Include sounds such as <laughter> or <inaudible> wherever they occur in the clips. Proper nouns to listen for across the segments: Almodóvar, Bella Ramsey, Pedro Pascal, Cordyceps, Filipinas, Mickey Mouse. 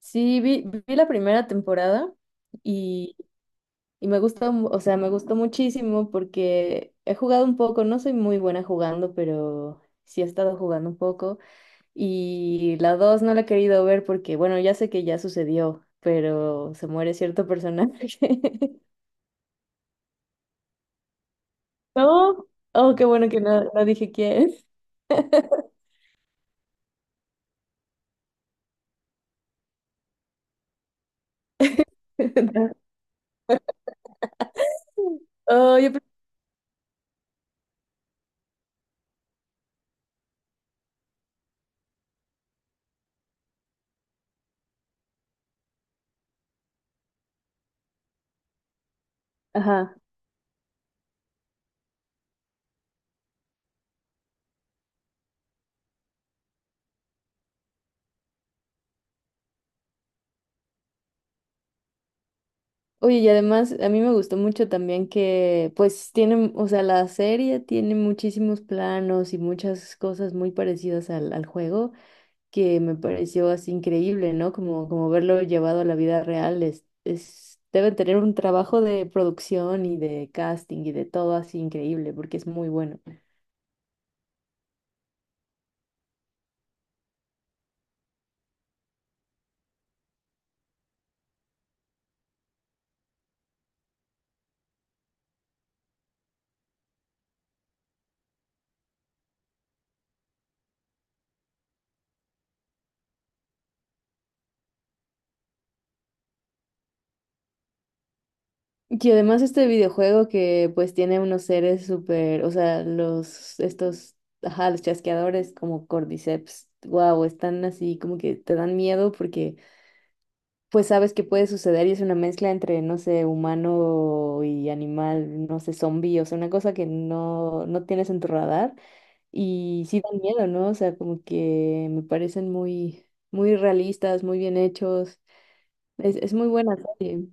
Sí, vi la primera temporada y, y me gustó, me gustó muchísimo porque he jugado un poco, no soy muy buena jugando, pero sí he estado jugando un poco. Y la dos no la he querido ver porque, bueno, ya sé que ya sucedió, pero se muere cierto personaje. <laughs> No, oh, qué bueno que no dije quién. <laughs> Oh, ajá. Oye, y además a mí me gustó mucho también que pues tienen, o sea, la serie tiene muchísimos planos y muchas cosas muy parecidas al juego que me pareció así increíble, ¿no? Como verlo llevado a la vida real deben tener un trabajo de producción y de casting y de todo así increíble porque es muy bueno. Y además este videojuego que pues tiene unos seres súper, o sea, los chasqueadores como Cordyceps, wow, están así como que te dan miedo porque pues sabes que puede suceder y es una mezcla entre, no sé, humano y animal, no sé, zombie, o sea, una cosa que no tienes en tu radar y sí dan miedo, ¿no? O sea, como que me parecen muy realistas, muy bien hechos. Es muy buena serie.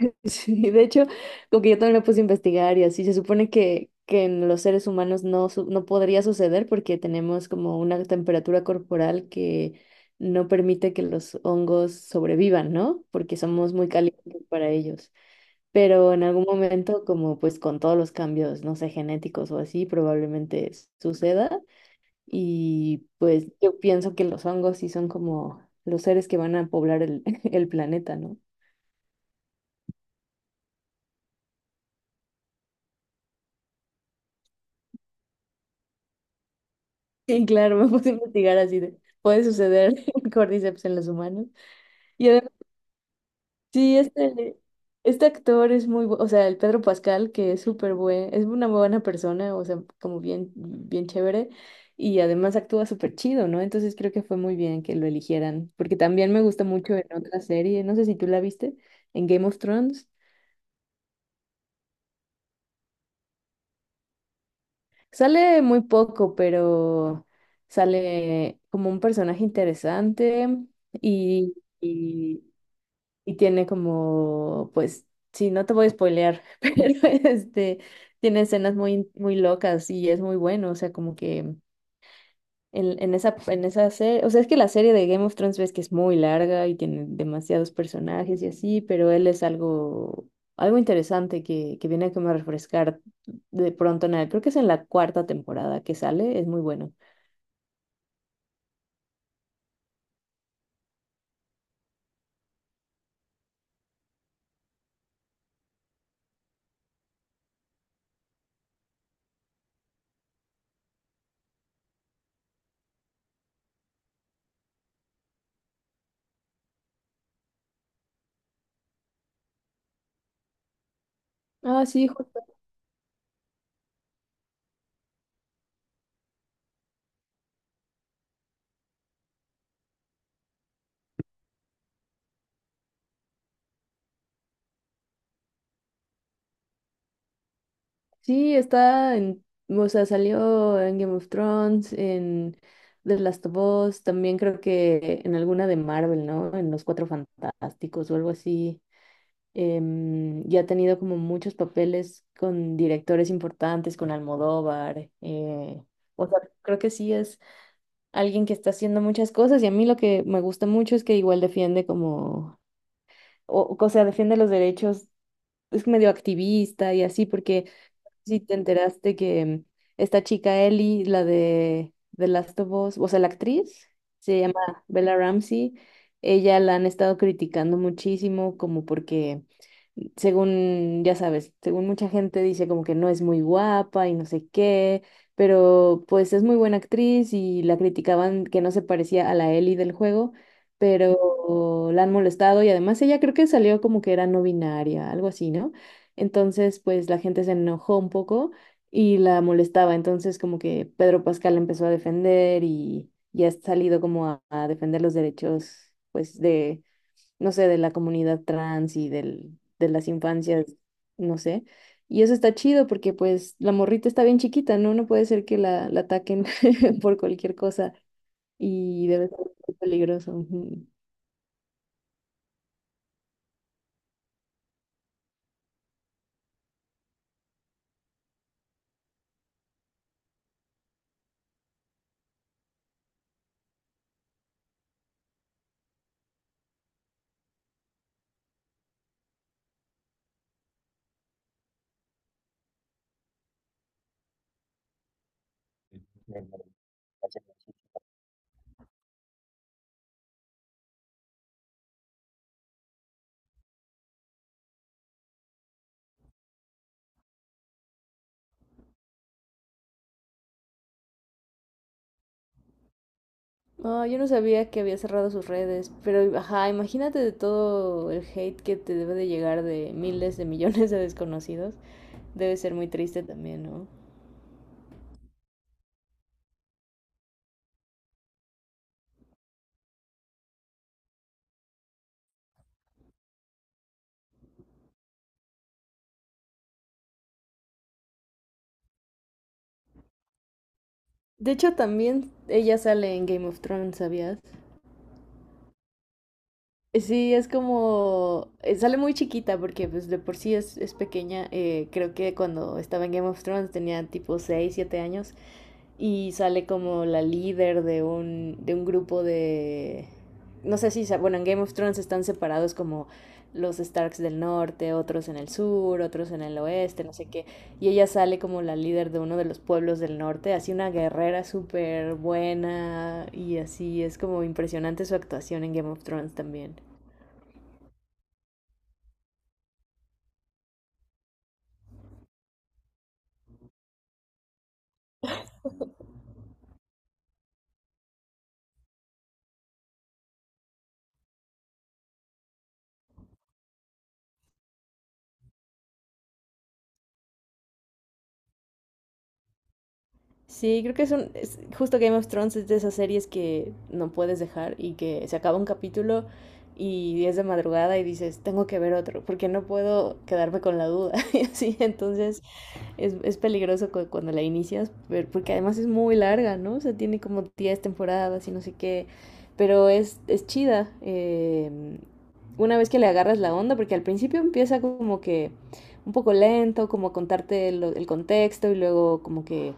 <laughs> Sí, de hecho, como que yo también lo puse a investigar y así, se supone que en los seres humanos no podría suceder porque tenemos como una temperatura corporal que no permite que los hongos sobrevivan, ¿no? Porque somos muy calientes para ellos. Pero en algún momento, como pues con todos los cambios, no sé, genéticos o así, probablemente suceda. Y pues yo pienso que los hongos sí son como los seres que van a poblar <laughs> el planeta, ¿no? Sí, claro, <laughs> me puse a investigar así de, puede suceder <laughs> cordyceps en los humanos. Y además, sí, este actor es muy, bu- o sea, el Pedro Pascal, que es súper buen, es una muy buena persona, o sea, como bien chévere, y además actúa súper chido, ¿no? Entonces creo que fue muy bien que lo eligieran, porque también me gusta mucho en otra serie, no sé si tú la viste, en Game of Thrones. Sale muy poco, pero sale como un personaje interesante y... y tiene como, pues, sí, no te voy a spoilear, <laughs> pero este, tiene escenas muy locas y es muy bueno, o sea, como que en esa serie, o sea, es que la serie de Game of Thrones ves que es muy larga y tiene demasiados personajes y así, pero él es algo interesante que viene como a refrescar de pronto en el, creo que es en la cuarta temporada que sale, es muy bueno. Ah, sí, sí, está en, o sea, salió en Game of Thrones, en The Last of Us, también creo que en alguna de Marvel, ¿no? En Los Cuatro Fantásticos o algo así. Y ha tenido como muchos papeles con directores importantes, con Almodóvar. O sea, creo que sí es alguien que está haciendo muchas cosas y a mí lo que me gusta mucho es que igual defiende como, defiende los derechos, es medio activista y así, porque si te enteraste que esta chica Ellie, la de The Last of Us, o sea, la actriz, se llama Bella Ramsey, ella la han estado criticando muchísimo como porque según, ya sabes, según mucha gente dice como que no es muy guapa y no sé qué, pero pues es muy buena actriz y la criticaban que no se parecía a la Ellie del juego, pero la han molestado y además ella creo que salió como que era no binaria, algo así, ¿no? Entonces, pues la gente se enojó un poco y la molestaba, entonces como que Pedro Pascal la empezó a defender y ya ha salido como a defender los derechos, pues de no sé, de la comunidad trans y de las infancias, no sé. Y eso está chido porque pues la morrita está bien chiquita, ¿no? No puede ser que la ataquen <laughs> por cualquier cosa y debe ser muy peligroso. Ujú. No, yo no sabía que había cerrado sus redes, pero ajá, imagínate de todo el hate que te debe de llegar de miles de millones de desconocidos. Debe ser muy triste también, ¿no? De hecho, también ella sale en Game of Thrones, ¿sabías? Sí, es como, sale muy chiquita porque pues de por sí es pequeña. Creo que cuando estaba en Game of Thrones tenía tipo 6 7 años y sale como la líder de de un grupo de... No sé si, sa- bueno, en Game of Thrones están separados como los Starks del norte, otros en el sur, otros en el oeste, no sé qué. Y ella sale como la líder de uno de los pueblos del norte, así una guerrera súper buena y así es como impresionante su actuación en Game of Thrones también. Sí, creo que es un... justo Game of Thrones es de esas series que no puedes dejar y que se acaba un capítulo y es de madrugada y dices, tengo que ver otro, porque no puedo quedarme con la duda. <laughs> Y así, entonces es peligroso cuando la inicias, pero porque además es muy larga, ¿no? O sea, tiene como 10 temporadas y no sé qué, pero es chida. Una vez que le agarras la onda, porque al principio empieza como que un poco lento, como contarte el contexto y luego como que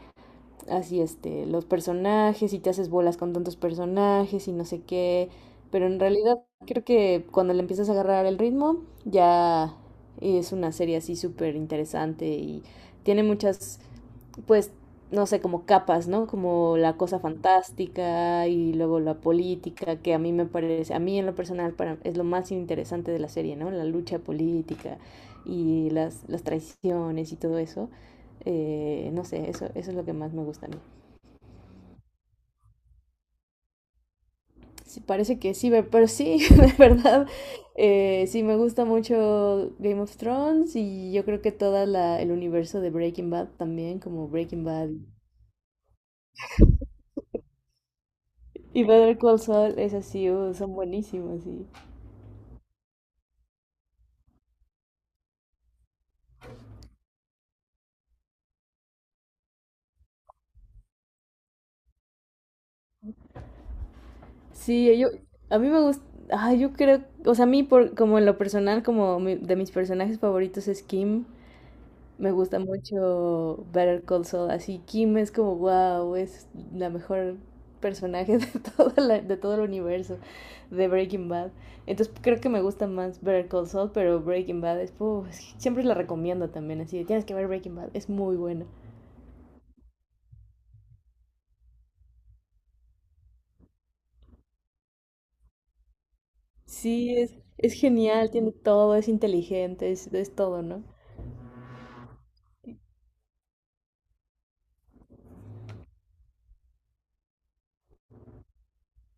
así este, los personajes y te haces bolas con tantos personajes y no sé qué, pero en realidad creo que cuando le empiezas a agarrar el ritmo ya es una serie así súper interesante y tiene muchas, pues, no sé, como capas, ¿no? Como la cosa fantástica y luego la política, que a mí me parece, a mí en lo personal para, es lo más interesante de la serie, ¿no? La lucha política y las traiciones y todo eso. No sé, eso es lo que más me gusta a mí. Sí, parece que sí, pero sí, <laughs> de verdad, sí me gusta mucho Game of Thrones y yo creo que todo el universo de Breaking Bad también, como Breaking Bad y Better Call Saul, es así, son buenísimos, sí. Sí, a mí me gusta, ah, yo creo, o sea, a mí por, como en lo personal, como de mis personajes favoritos es Kim. Me gusta mucho Better Call Saul, así Kim es como, wow, es la mejor personaje de <laughs> de todo el universo de Breaking Bad. Entonces creo que me gusta más Better Call Saul, pero Breaking Bad es, puf, es que siempre la recomiendo también, así de, tienes que ver Breaking Bad, es muy buena. Sí, es genial, tiene todo, es inteligente, es todo, ¿no?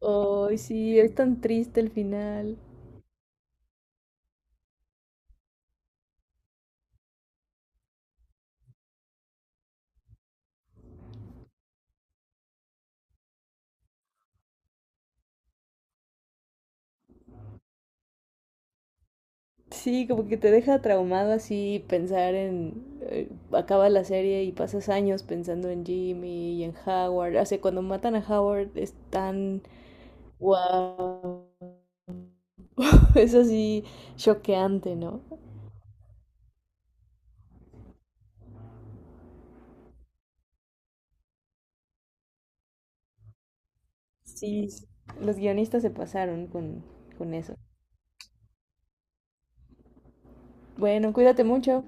Ay, sí, es tan triste el final. Sí, como que te deja traumado así pensar en... acaba la serie y pasas años pensando en Jimmy y en Howard. O sea, cuando matan a Howard es tan... ¡Wow! <laughs> Es así choqueante, ¿no? Sí, los guionistas se pasaron con eso. Bueno, cuídate mucho.